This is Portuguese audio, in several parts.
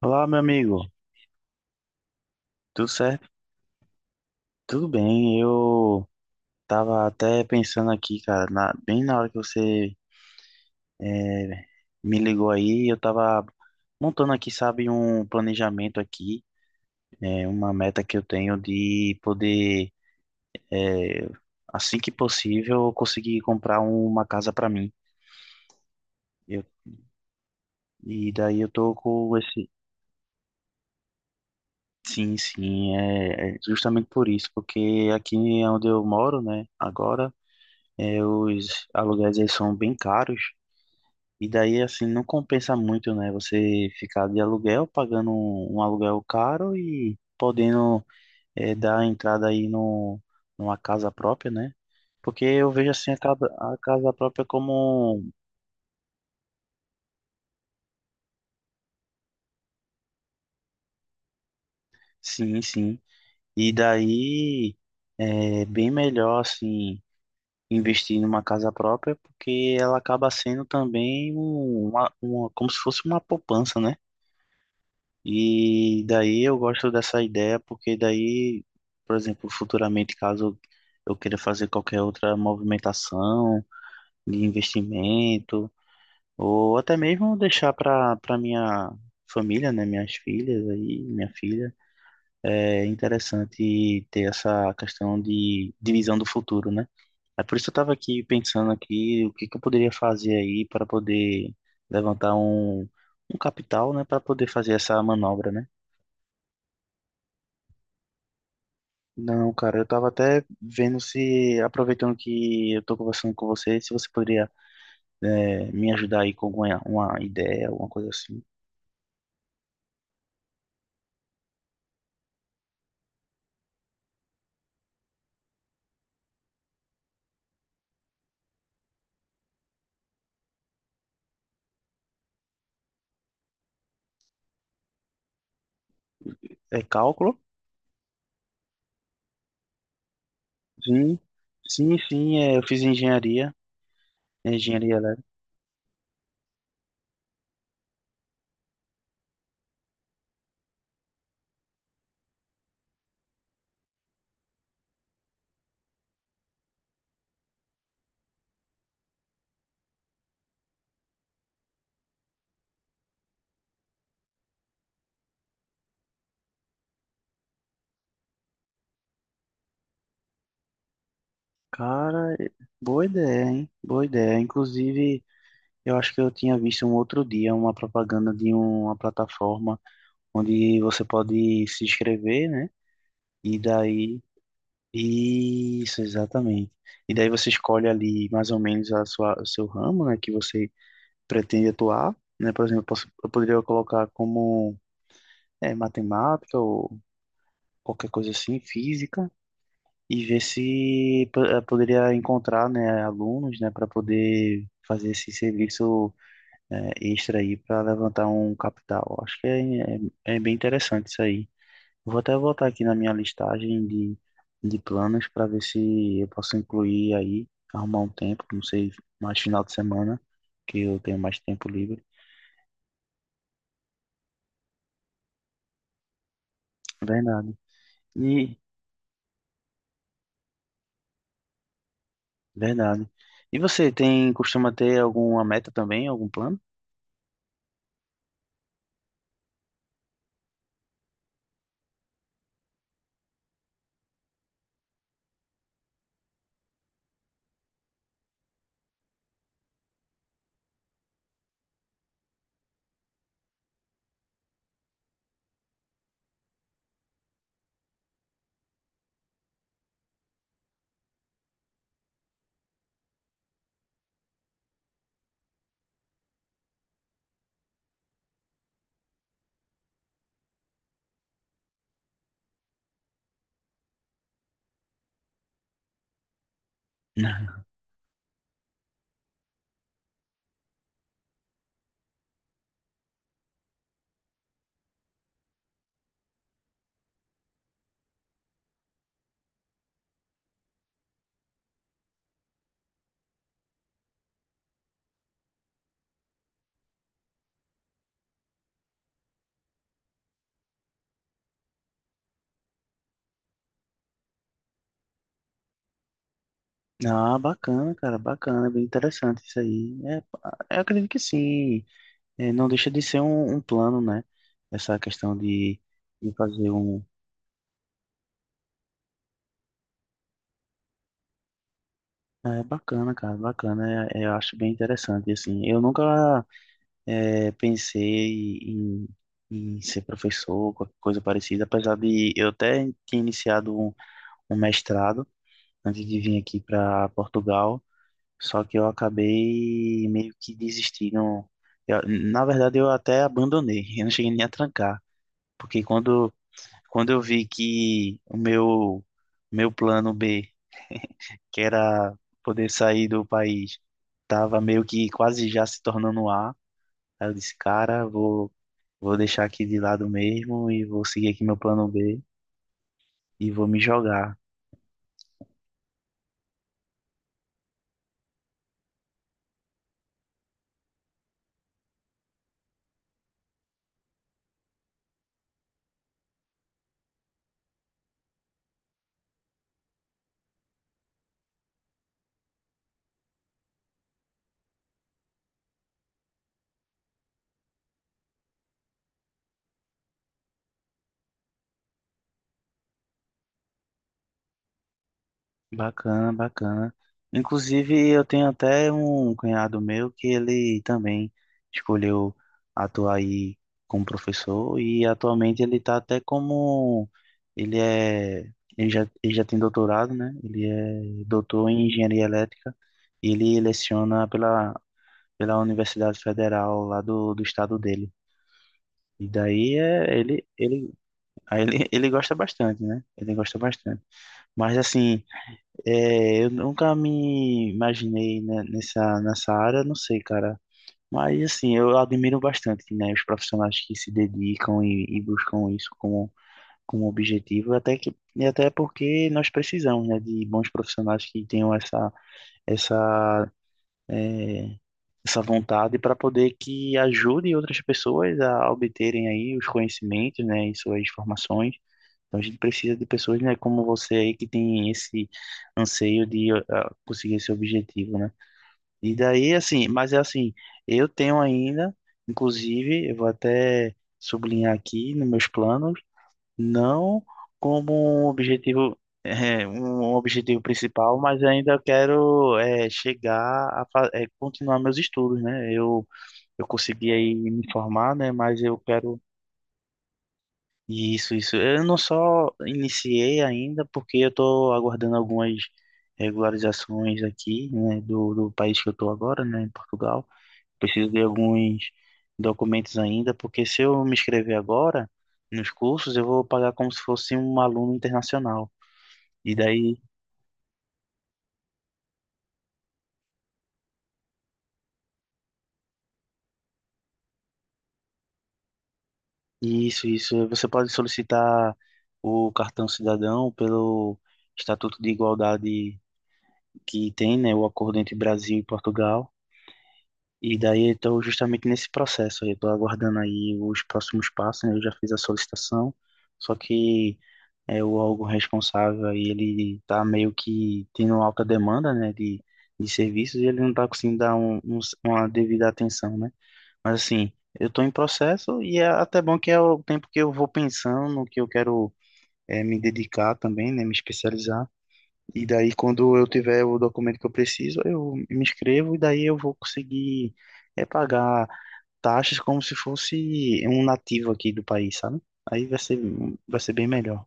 Olá, meu amigo. Tudo certo? Tudo bem. Eu tava até pensando aqui, cara, bem na hora que você eh, me ligou aí, eu tava montando aqui, sabe, um planejamento aqui, uma meta que eu tenho de poder, eh, assim que possível, conseguir comprar uma casa para mim. Eu- e daí eu tô com esse. Sim, sim, é justamente por isso, porque aqui é onde eu moro, né, agora. É, os aluguéis eles são bem caros e daí assim não compensa muito, né? Você ficar de aluguel pagando um aluguel caro e podendo é, dar entrada aí no, numa casa própria, né? Porque eu vejo assim a casa própria como sim, sim. E daí é bem melhor assim investir numa casa própria porque ela acaba sendo também uma como se fosse uma poupança, né? E daí eu gosto dessa ideia porque daí, por exemplo, futuramente, caso eu queira fazer qualquer outra movimentação de investimento, ou até mesmo deixar para minha família, né, minhas filhas aí, minha filha, é interessante ter essa questão de divisão do futuro, né? É por isso que eu estava aqui pensando aqui o que que eu poderia fazer aí para poder levantar um capital, né, para poder fazer essa manobra, né? Não, cara, eu tava até vendo se, aproveitando que eu tô conversando com você, se você poderia me ajudar aí com alguma uma ideia, alguma coisa assim. É cálculo? Sim, sim, sim. É, eu fiz engenharia, engenharia elétrica. Cara, eh, boa ideia, hein? Boa ideia. Inclusive, eu acho que eu tinha visto um outro dia uma propaganda de uma plataforma onde você pode se inscrever, né? E daí isso, exatamente. E daí você escolhe ali mais ou menos o seu ramo, né, que você pretende atuar, né? Por exemplo, eu, posso, eu poderia colocar como é, matemática ou qualquer coisa assim, física, e ver se poderia encontrar, né, alunos, né, para poder fazer esse serviço extra aí para levantar um capital. Acho que é bem interessante isso aí. Vou até voltar aqui na minha listagem de planos para ver se eu posso incluir aí, arrumar um tempo, não sei, mais final de semana, que eu tenho mais tempo livre. Verdade. E, verdade. E você tem, costuma ter alguma meta também, algum plano? Ah, bacana, cara, bacana, bem interessante isso aí. É, pá, eu acredito que sim. É, não deixa de ser um plano, né? Essa questão de fazer um, é bacana, cara, bacana. É, eu acho bem interessante, assim. Eu nunca é, pensei em ser professor, qualquer coisa parecida, apesar de eu até ter iniciado um mestrado antes de vir aqui para Portugal, só que eu acabei meio que desistindo. Na verdade, eu até abandonei, eu não cheguei nem a trancar, porque quando eu vi que meu plano B que era poder sair do país, tava meio que quase já se tornando um A. Aí eu disse, cara, vou deixar aqui de lado mesmo e vou seguir aqui meu plano B e vou me jogar. Bacana, bacana. Inclusive, eu tenho até um cunhado meu que ele também escolheu atuar aí como professor e atualmente ele tá até como ele é ele já tem doutorado, né? Ele é doutor em engenharia elétrica e ele leciona pela, pela Universidade Federal lá do, do estado dele. E daí é, ele, aí ele, ele gosta bastante, né? Ele gosta bastante. Mas assim, é, eu nunca me imaginei né, nessa área, não sei, cara. Mas assim, eu admiro bastante, né, os profissionais que se dedicam e buscam isso como, como objetivo, até que, e até porque nós precisamos, né, de bons profissionais que tenham essa, essa, é, essa vontade para poder que ajude outras pessoas a obterem aí os conhecimentos, né, e suas formações. Então a gente precisa de pessoas, né, como você aí que tem esse anseio de ah, conseguir esse objetivo, né? E daí assim, mas é assim, eu tenho ainda, inclusive, eu vou até sublinhar aqui nos meus planos, não como um objetivo é, um objetivo principal, mas ainda eu quero é, chegar a continuar meus estudos, né? Eu consegui aí me formar, né? Mas eu quero isso, isso. Eu não só iniciei ainda, porque eu estou aguardando algumas regularizações aqui, né? Do país que eu estou agora, né? Em Portugal. Preciso de alguns documentos ainda, porque se eu me inscrever agora nos cursos, eu vou pagar como se fosse um aluno internacional. E daí, isso, isso. Você pode solicitar o cartão cidadão pelo Estatuto de Igualdade que tem, né, o acordo entre Brasil e Portugal. E daí eu estou justamente nesse processo. Eu estou aguardando aí os próximos passos, né? Eu já fiz a solicitação, só que é, o órgão responsável aí, ele está meio que tendo alta demanda, né, de serviços e ele não está conseguindo dar uma devida atenção, né? Mas assim, eu estou em processo e é até bom que é o tempo que eu vou pensando no que eu quero é, me dedicar também, né, me especializar. E daí, quando eu tiver o documento que eu preciso, eu me inscrevo e daí eu vou conseguir é, pagar taxas como se fosse um nativo aqui do país, sabe? Aí vai ser bem melhor.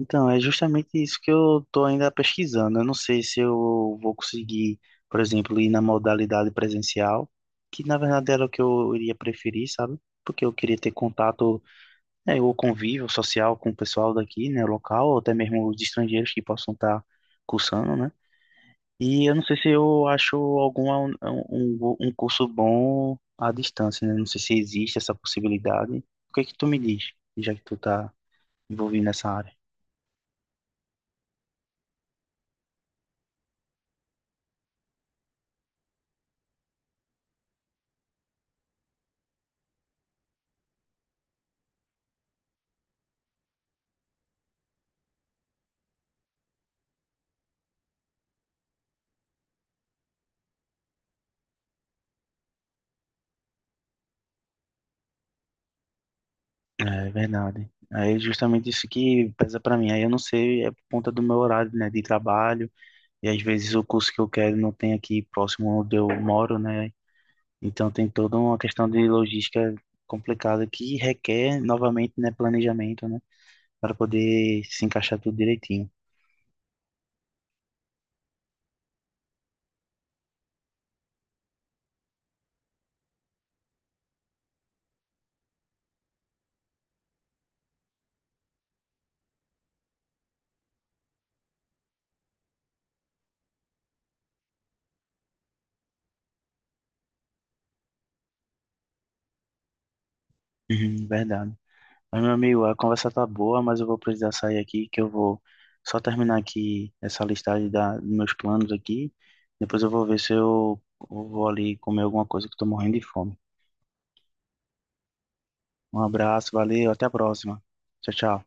Então, é justamente isso que eu estou ainda pesquisando. Eu não sei se eu vou conseguir, por exemplo, ir na modalidade presencial, que na verdade era o que eu iria preferir, sabe? Porque eu queria ter contato, né, ou convívio social com o pessoal daqui, né, local, ou até mesmo os estrangeiros que possam estar cursando, né? E eu não sei se eu acho um curso bom à distância, né? Não sei se existe essa possibilidade. O que é que tu me diz, já que tu tá envolvido nessa área? É verdade. Aí é justamente isso que pesa pra mim. Aí eu não sei, é por conta do meu horário, né, de trabalho, e às vezes o curso que eu quero não tem aqui próximo onde eu moro, né? Então tem toda uma questão de logística complicada que requer novamente, né, planejamento, né, para poder se encaixar tudo direitinho. Uhum, verdade. Mas, meu amigo, a conversa tá boa, mas eu vou precisar sair aqui, que eu vou só terminar aqui essa listagem da, dos meus planos aqui. Depois eu vou ver se eu vou ali comer alguma coisa que eu tô morrendo de fome. Um abraço, valeu, até a próxima. Tchau, tchau.